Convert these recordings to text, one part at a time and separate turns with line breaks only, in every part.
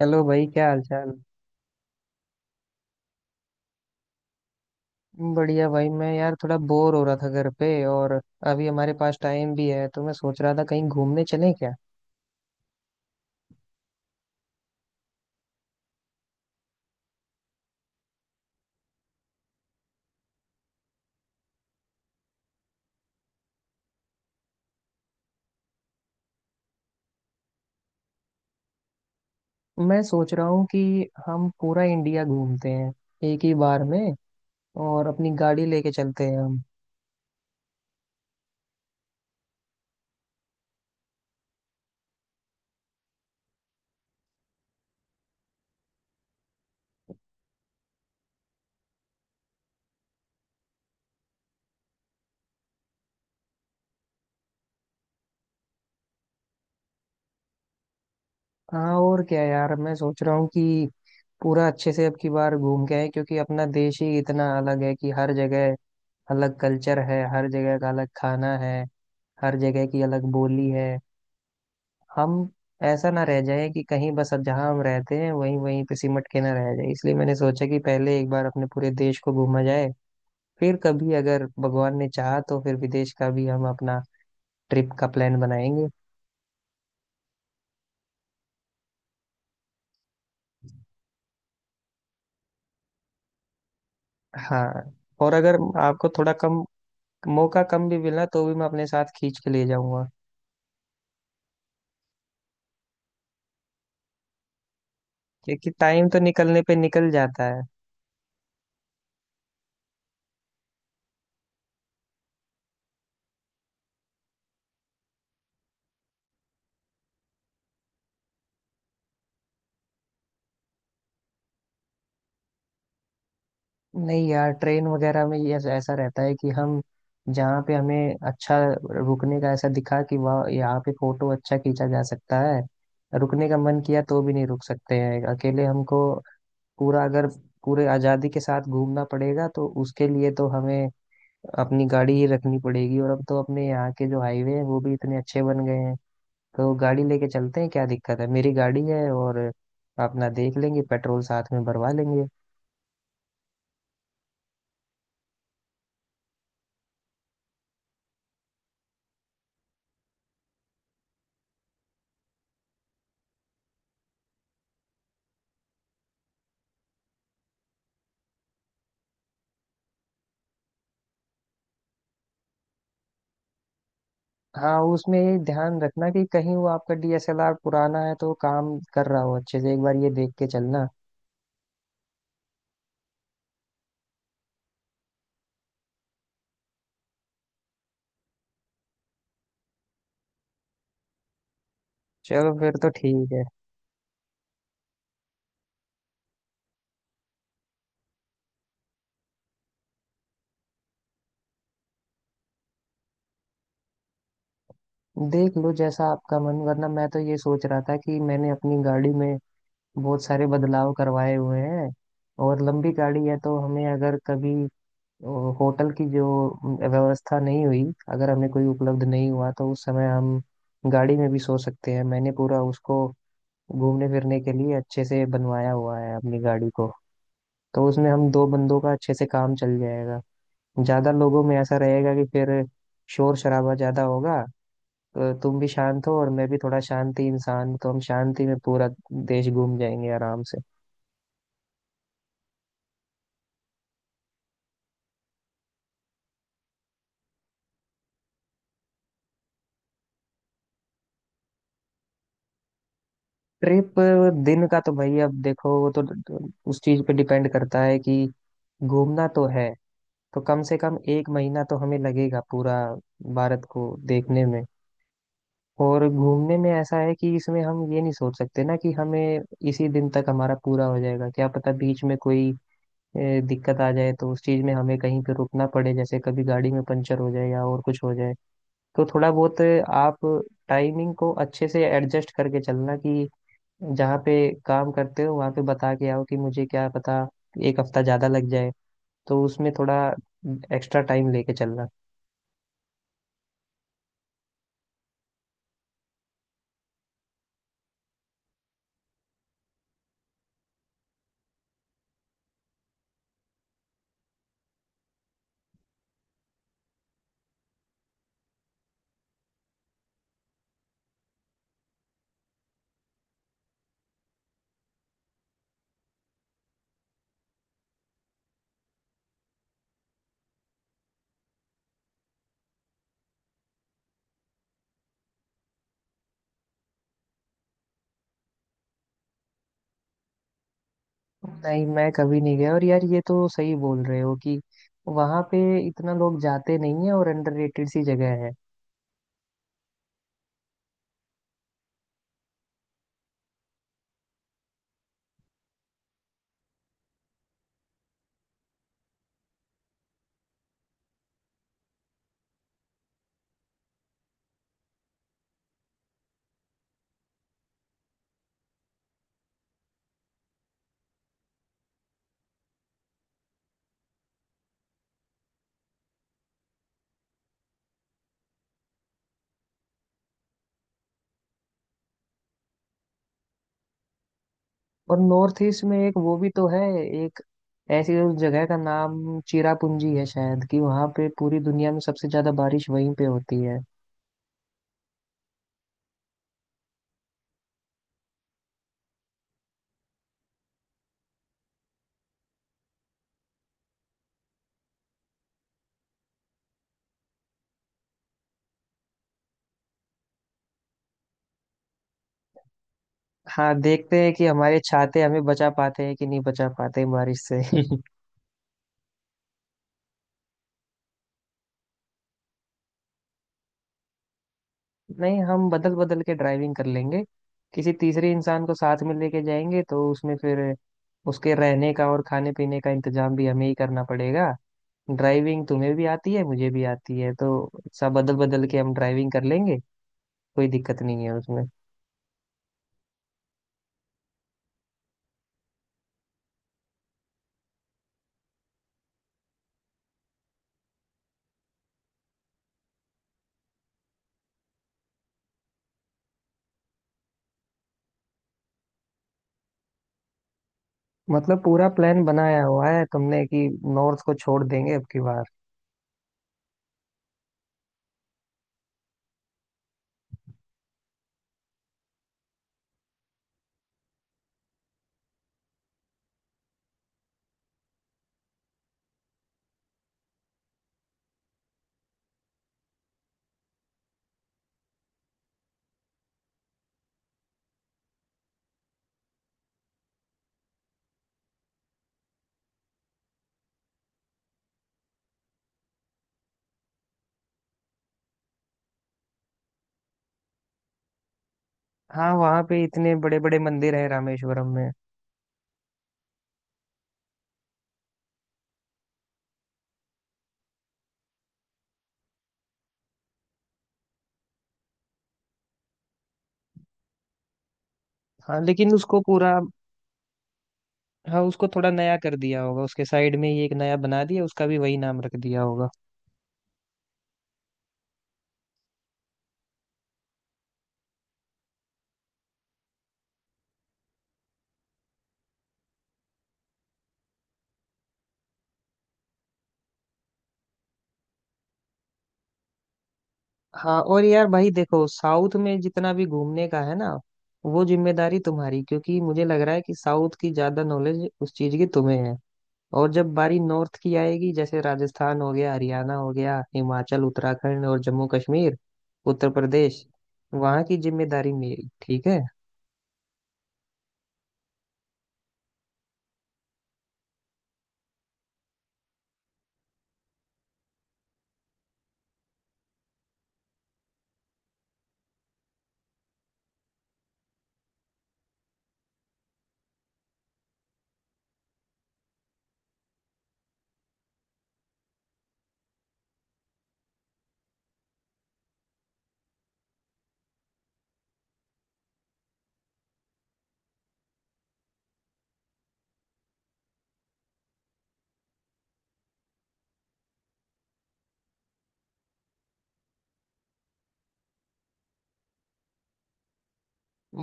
Hello भाई, क्या हाल चाल। बढ़िया भाई, मैं यार थोड़ा बोर हो रहा था घर पे, और अभी हमारे पास टाइम भी है, तो मैं सोच रहा था कहीं घूमने चलें क्या। मैं सोच रहा हूँ कि हम पूरा इंडिया घूमते हैं एक ही बार में, और अपनी गाड़ी लेके चलते हैं हम। हाँ, और क्या यार, मैं सोच रहा हूँ कि पूरा अच्छे से अब की बार घूम के आए, क्योंकि अपना देश ही इतना अलग है कि हर जगह अलग कल्चर है, हर जगह का अलग खाना है, हर जगह की अलग बोली है। हम ऐसा ना रह जाए कि कहीं बस अब जहाँ हम रहते हैं वहीं वहीं पे सिमट के ना रह जाए, इसलिए मैंने सोचा कि पहले एक बार अपने पूरे देश को घूमा जाए। फिर कभी अगर भगवान ने चाहा तो फिर विदेश का भी हम अपना ट्रिप का प्लान बनाएंगे। हाँ, और अगर आपको थोड़ा कम मौका कम भी मिला तो भी मैं अपने साथ खींच के ले जाऊंगा, क्योंकि टाइम तो निकलने पे निकल जाता है। नहीं यार, ट्रेन वगैरह में ये ऐसा रहता है कि हम जहाँ पे हमें अच्छा रुकने का ऐसा दिखा कि वहाँ यहाँ पे फोटो अच्छा खींचा जा सकता है, रुकने का मन किया तो भी नहीं रुक सकते हैं अकेले हमको। पूरा अगर पूरे आज़ादी के साथ घूमना पड़ेगा तो उसके लिए तो हमें अपनी गाड़ी ही रखनी पड़ेगी, और अब तो अपने यहाँ के जो हाईवे हैं वो भी इतने अच्छे बन गए हैं। तो गाड़ी लेके चलते हैं, क्या दिक्कत है, मेरी गाड़ी है और अपना देख लेंगे, पेट्रोल साथ में भरवा लेंगे। हाँ, उसमें ये ध्यान रखना कि कहीं वो आपका डीएसएलआर पुराना है तो वो काम कर रहा हो अच्छे से, एक बार ये देख के चलना। चलो फिर तो ठीक है। देख लो जैसा आपका मन, वरना मैं तो ये सोच रहा था कि मैंने अपनी गाड़ी में बहुत सारे बदलाव करवाए हुए हैं और लंबी गाड़ी है, तो हमें अगर कभी होटल की जो व्यवस्था नहीं हुई, अगर हमें कोई उपलब्ध नहीं हुआ तो उस समय हम गाड़ी में भी सो सकते हैं। मैंने पूरा उसको घूमने फिरने के लिए अच्छे से बनवाया हुआ है अपनी गाड़ी को, तो उसमें हम दो बंदों का अच्छे से काम चल जाएगा। ज्यादा लोगों में ऐसा रहेगा कि फिर शोर शराबा ज्यादा होगा। तो तुम भी शांत हो और मैं भी थोड़ा शांति इंसान हूं, तो हम शांति में पूरा देश घूम जाएंगे आराम से। ट्रिप दिन का तो भाई अब देखो वो तो उस चीज पे डिपेंड करता है कि घूमना तो है, तो कम से कम 1 महीना तो हमें लगेगा पूरा भारत को देखने में। और घूमने में ऐसा है कि इसमें हम ये नहीं सोच सकते ना कि हमें इसी दिन तक हमारा पूरा हो जाएगा, क्या पता बीच में कोई दिक्कत आ जाए तो उस चीज में हमें कहीं पे रुकना पड़े, जैसे कभी गाड़ी में पंचर हो जाए या और कुछ हो जाए। तो थोड़ा बहुत आप टाइमिंग को अच्छे से एडजस्ट करके चलना कि जहाँ पे काम करते हो वहाँ पे बता के आओ कि मुझे क्या पता 1 हफ्ता ज्यादा लग जाए, तो उसमें थोड़ा एक्स्ट्रा टाइम लेके चलना। नहीं, मैं कभी नहीं गया, और यार ये तो सही बोल रहे हो कि वहाँ पे इतना लोग जाते नहीं है और अंडररेटेड सी जगह है। और नॉर्थ ईस्ट में एक वो भी तो है, एक ऐसी उस जगह का नाम चिरापुंजी है शायद, कि वहां पे पूरी दुनिया में सबसे ज्यादा बारिश वहीं पे होती है। हाँ, देखते हैं कि हमारे छाते हमें बचा पाते हैं कि नहीं बचा पाते हैं बारिश से। नहीं, हम बदल बदल के ड्राइविंग कर लेंगे, किसी तीसरे इंसान को साथ में लेके जाएंगे तो उसमें फिर उसके रहने का और खाने पीने का इंतजाम भी हमें ही करना पड़ेगा। ड्राइविंग तुम्हें भी आती है मुझे भी आती है, तो सब बदल बदल के हम ड्राइविंग कर लेंगे, कोई दिक्कत नहीं है उसमें। मतलब पूरा प्लान बनाया हुआ है तुमने कि नॉर्थ को छोड़ देंगे अब की बार। हाँ, वहाँ पे इतने बड़े बड़े मंदिर हैं रामेश्वरम में। हाँ, लेकिन उसको पूरा, हाँ उसको थोड़ा नया कर दिया होगा, उसके साइड में ही एक नया बना दिया, उसका भी वही नाम रख दिया होगा। हाँ, और यार भाई देखो साउथ में जितना भी घूमने का है ना, वो जिम्मेदारी तुम्हारी, क्योंकि मुझे लग रहा है कि साउथ की ज्यादा नॉलेज उस चीज की तुम्हें है। और जब बारी नॉर्थ की आएगी, जैसे राजस्थान हो गया, हरियाणा हो गया, हिमाचल, उत्तराखंड और जम्मू कश्मीर, उत्तर प्रदेश, वहाँ की जिम्मेदारी मेरी, ठीक है।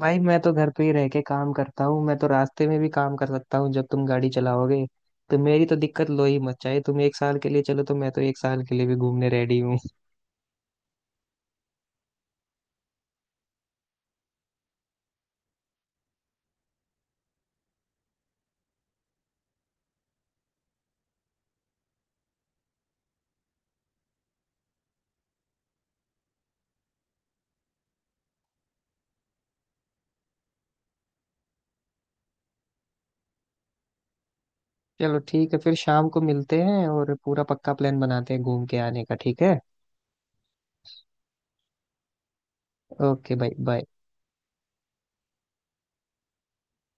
भाई मैं तो घर पे ही रह के काम करता हूँ, मैं तो रास्ते में भी काम कर सकता हूँ जब तुम गाड़ी चलाओगे। तो मेरी तो दिक्कत लो ही मत, चाहे तुम 1 साल के लिए चलो तो मैं तो 1 साल के लिए भी घूमने रेडी हूँ। चलो ठीक है, फिर शाम को मिलते हैं और पूरा पक्का प्लान बनाते हैं घूम के आने का, ठीक है। ओके भाई, बाय।